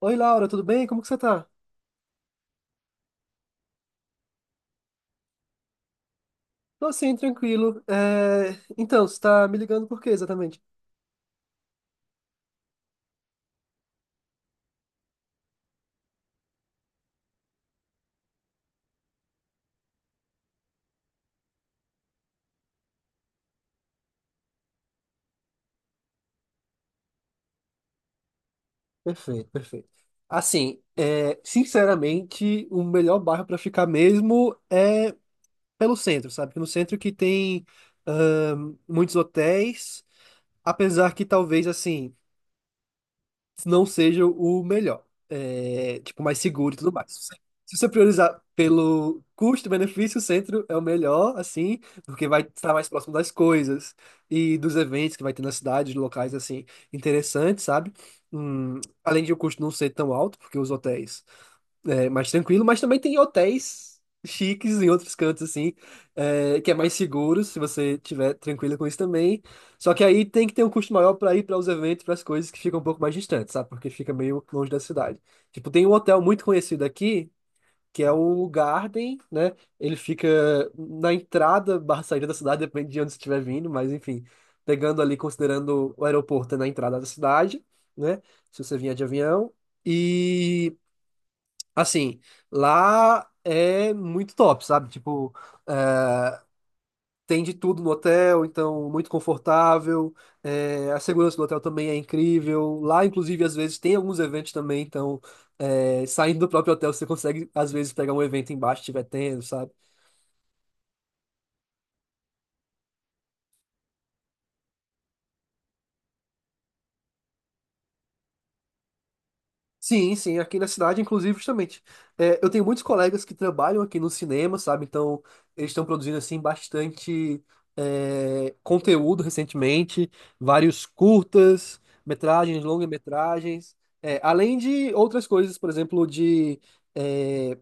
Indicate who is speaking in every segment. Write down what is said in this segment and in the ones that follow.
Speaker 1: Oi, Laura, tudo bem? Como que você tá? Tô sim, tranquilo. Então, você tá me ligando por quê, exatamente? Perfeito, perfeito. Assim, sinceramente, o melhor bairro pra ficar mesmo é pelo centro, sabe? Porque no centro que tem muitos hotéis, apesar que talvez, assim, não seja o melhor, tipo, mais seguro e tudo mais. Se você priorizar pelo custo-benefício, o centro é o melhor, assim, porque vai estar mais próximo das coisas e dos eventos que vai ter na cidade, de locais, assim, interessantes, sabe? Além de o custo não ser tão alto, porque os hotéis mais tranquilo, mas também tem hotéis chiques em outros cantos, assim, que é mais seguro, se você tiver tranquilo com isso também. Só que aí tem que ter um custo maior para ir para os eventos, para as coisas que ficam um pouco mais distantes, sabe? Porque fica meio longe da cidade. Tipo, tem um hotel muito conhecido aqui, que é o Garden, né? Ele fica na entrada barra saída da cidade, depende de onde você estiver vindo, mas enfim, pegando ali, considerando o aeroporto é na entrada da cidade, né? Se você vier de avião. E assim, lá é muito top, sabe? Tipo, é, tem de tudo no hotel, então muito confortável. A segurança do hotel também é incrível. Lá, inclusive, às vezes tem alguns eventos também, então saindo do próprio hotel você consegue, às vezes, pegar um evento embaixo, se tiver tendo, sabe? Sim, sim, aqui na cidade, inclusive, justamente. Eu tenho muitos colegas que trabalham aqui no cinema, sabe? Então, eles estão produzindo, assim, bastante conteúdo recentemente, vários curtas, metragens, longa-metragens, além de outras coisas, por exemplo, de é,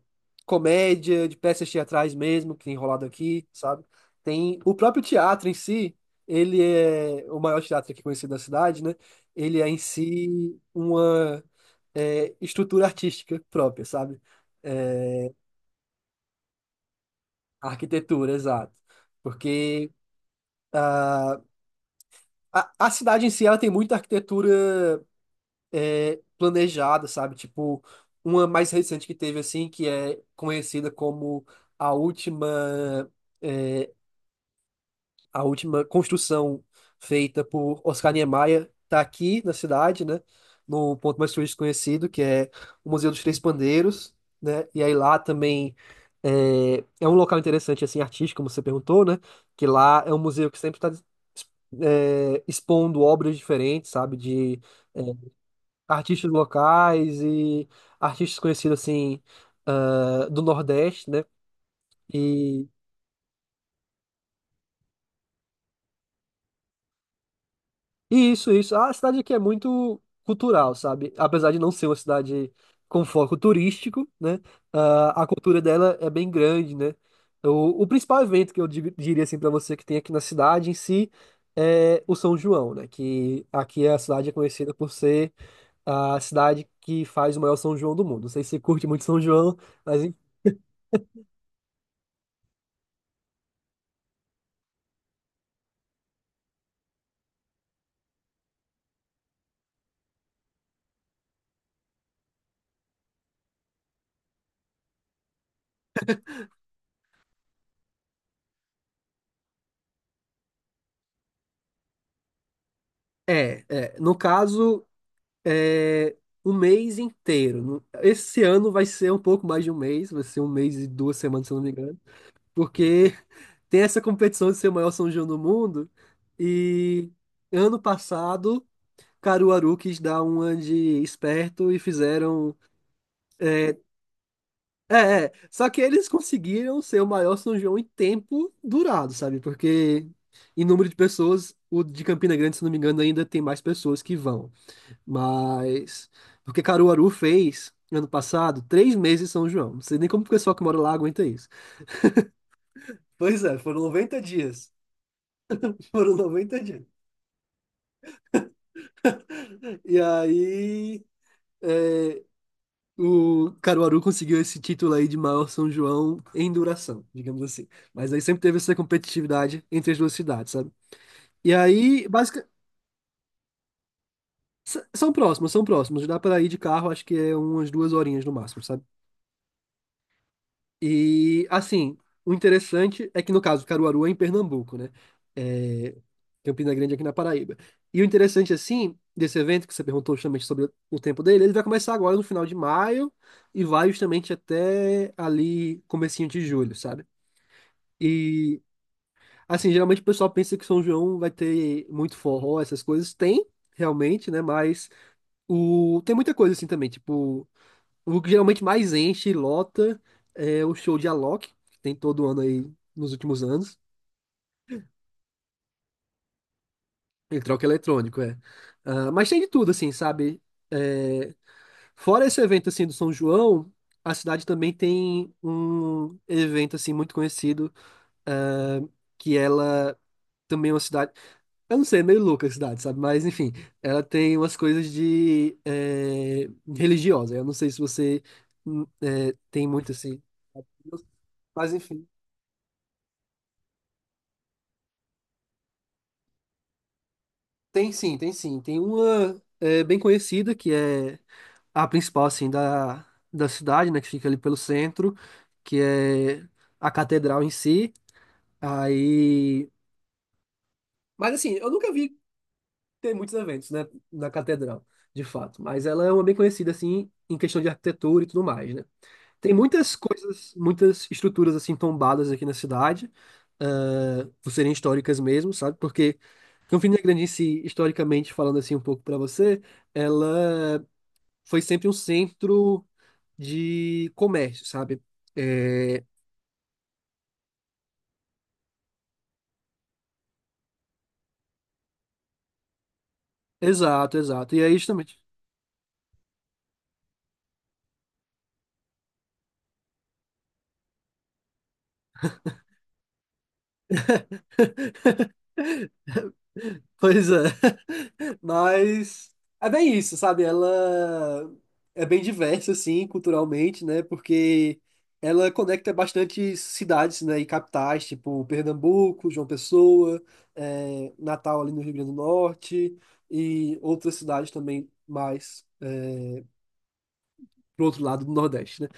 Speaker 1: comédia, de peças teatrais mesmo, que tem rolado aqui, sabe? Tem o próprio teatro em si, ele é o maior teatro aqui conhecido da cidade, né? Ele é em si uma estrutura artística própria, sabe? É, arquitetura, exato. Porque a cidade em si, ela tem muita arquitetura planejada, sabe? Tipo, uma mais recente que teve, assim, que é conhecida como a última é, a última construção feita por Oscar Niemeyer está aqui na cidade, né? No ponto mais turístico conhecido, que é o Museu dos Três Pandeiros, né? E aí lá também é um local interessante, assim, artístico, como você perguntou, né? Que lá é um museu que sempre está expondo obras diferentes, sabe? De é, artistas locais e artistas conhecidos, assim, ah, do Nordeste, né? e Isso, isso. A cidade aqui é muito cultural, sabe? Apesar de não ser uma cidade com foco turístico, né? Ah, a cultura dela é bem grande, né? O principal evento que eu diria assim para você que tem aqui na cidade em si é o São João, né? Que aqui a cidade é conhecida por ser a cidade que faz o maior São João do mundo. Não sei se você curte muito São João, mas é, é. No caso, é, o mês inteiro. Esse ano vai ser um pouco mais de um mês, vai ser um mês e 2 semanas, se eu não me engano, porque tem essa competição de ser o maior São João do mundo. E ano passado, Caruaru quis dar uma de esperto e fizeram. É, é, é. Só que eles conseguiram ser o maior São João em tempo durado, sabe? Porque em número de pessoas, o de Campina Grande, se não me engano, ainda tem mais pessoas que vão. Mas. Porque Caruaru fez, ano passado, 3 meses em São João. Não sei nem como o pessoal que mora lá aguenta isso. Pois é, foram 90 dias. Foram 90 dias. E aí. é, O Caruaru conseguiu esse título aí de maior São João em duração, digamos assim. Mas aí sempre teve essa competitividade entre as duas cidades, sabe? E aí, basicamente. São próximos, são próximos. Dá para ir de carro, acho que é umas duas horinhas no máximo, sabe? E, assim, o interessante é que, no caso, Caruaru é em Pernambuco, né? É, Campina Grande é aqui na Paraíba. E o interessante, assim, desse evento que você perguntou justamente sobre o tempo dele, ele vai começar agora no final de maio e vai justamente até ali, comecinho de julho, sabe? E, assim, geralmente o pessoal pensa que São João vai ter muito forró, essas coisas. Tem, realmente, né? Mas o... tem muita coisa, assim, também. Tipo, o que geralmente mais enche e lota é o show de Alok, que tem todo ano aí nos últimos anos. Ele troca eletrônico, é. Ah, mas tem de tudo, assim, sabe? É, fora esse evento, assim, do São João, a cidade também tem um evento, assim, muito conhecido, ah, que ela também é uma cidade... Eu não sei, é meio louca a cidade, sabe? Mas, enfim, ela tem umas coisas de... eh, religiosa. Eu não sei se você tem muito, assim... Mas, enfim... Tem sim, tem sim. Tem uma bem conhecida, que é a principal, assim, da cidade, né? Que fica ali pelo centro, que é a catedral em si. Aí... Mas, assim, eu nunca vi ter muitos eventos, né? Na catedral, de fato. Mas ela é uma bem conhecida, assim, em questão de arquitetura e tudo mais, né? Tem muitas coisas, muitas estruturas assim tombadas aqui na cidade, ah, por serem históricas mesmo, sabe? Porque Campina Grande em si, historicamente falando assim um pouco para você, ela foi sempre um centro de comércio, sabe? É, exato, exato. E aí, justamente, pois é. Mas é bem isso, sabe? Ela é bem diversa, assim, culturalmente, né? Porque ela conecta bastante cidades, né? E capitais, tipo Pernambuco, João Pessoa, é, Natal ali no Rio Grande do Norte e outras cidades também mais pro outro lado do Nordeste, né?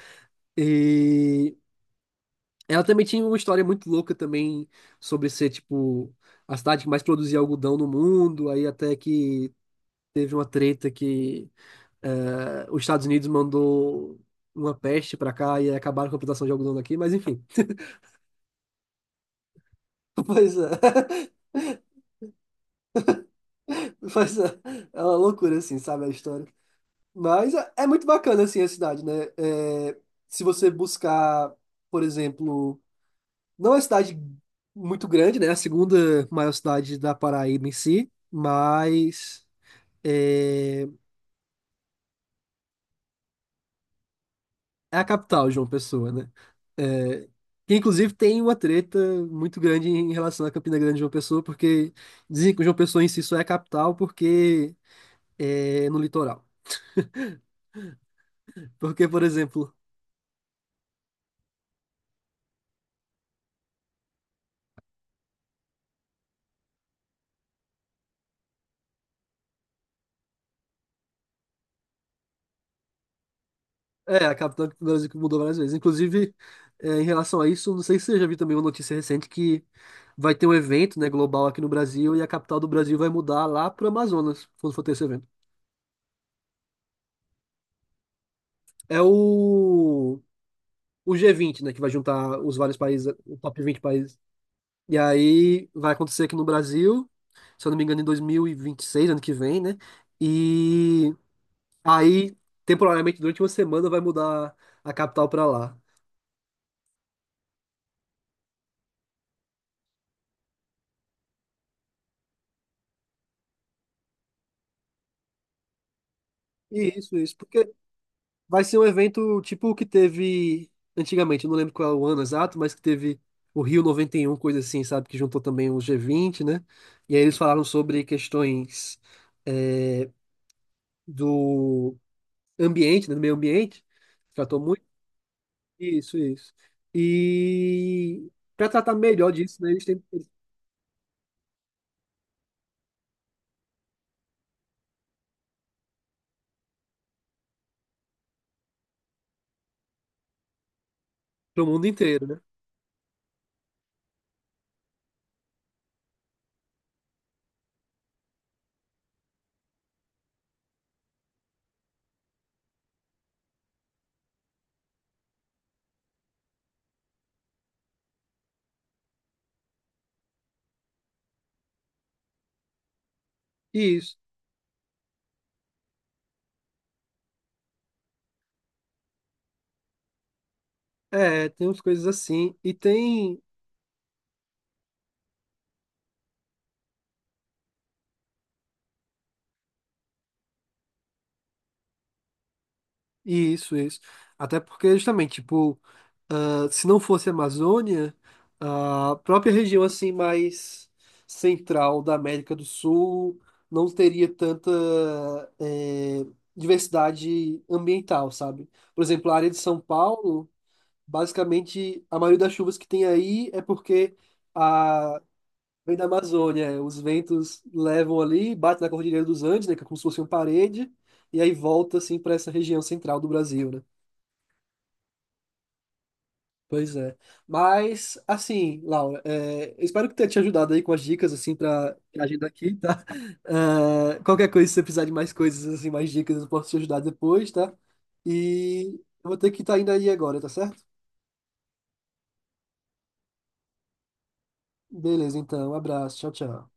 Speaker 1: E ela também tinha uma história muito louca também sobre ser, tipo, a cidade que mais produzia algodão no mundo, aí até que teve uma treta que os Estados Unidos mandou uma peste pra cá e aí acabaram com a plantação de algodão daqui, mas enfim. Pois é, pois é, é uma loucura assim, sabe a história. Mas é muito bacana assim a cidade, né? Se você buscar, por exemplo, não é uma cidade muito grande, né? A segunda maior cidade da Paraíba em si, mas é, é a capital, João Pessoa, né? É, que inclusive tem uma treta muito grande em relação à Campina Grande e João Pessoa, porque dizem que João Pessoa em si só é a capital porque é no litoral. Porque, por exemplo, é a capital do Brasil que mudou várias vezes. Inclusive, em relação a isso, não sei se você já viu também uma notícia recente que vai ter um evento, né, global aqui no Brasil e a capital do Brasil vai mudar lá para o Amazonas, quando for ter esse evento. É o, G20, né, que vai juntar os vários países, o top 20 países. E aí vai acontecer aqui no Brasil, se eu não me engano, em 2026, ano que vem, né? E aí, temporariamente, durante uma semana, vai mudar a capital para lá. E isso, porque vai ser um evento tipo o que teve antigamente, eu não lembro qual é o ano exato, mas que teve o Rio 91, coisa assim, sabe? Que juntou também o G20, né? E aí eles falaram sobre questões eh, do ambiente, né? Do meio ambiente. Tratou isso, isso. E para tratar melhor disso, né, eles têm pro mundo inteiro, né? Isso. É, tem umas coisas assim. E tem. Isso, isso. Até porque, justamente, tipo, ah, se não fosse a Amazônia, a própria região assim mais central da América do Sul não teria tanta eh, diversidade ambiental, sabe? Por exemplo, a área de São Paulo. Basicamente, a maioria das chuvas que tem aí é porque a... vem da Amazônia. Os ventos levam ali, bate na Cordilheira dos Andes, né, que é como se fosse uma parede, e aí volta assim para essa região central do Brasil, né? Pois é. Mas, assim, Laura, eu espero que tenha te ajudado aí com as dicas, assim, para viagem daqui, tá? Qualquer coisa, se você precisar de mais coisas, assim, mais dicas, eu posso te ajudar depois, tá? E eu vou ter que estar indo aí agora, tá certo? Beleza, então. Um abraço. Tchau, tchau.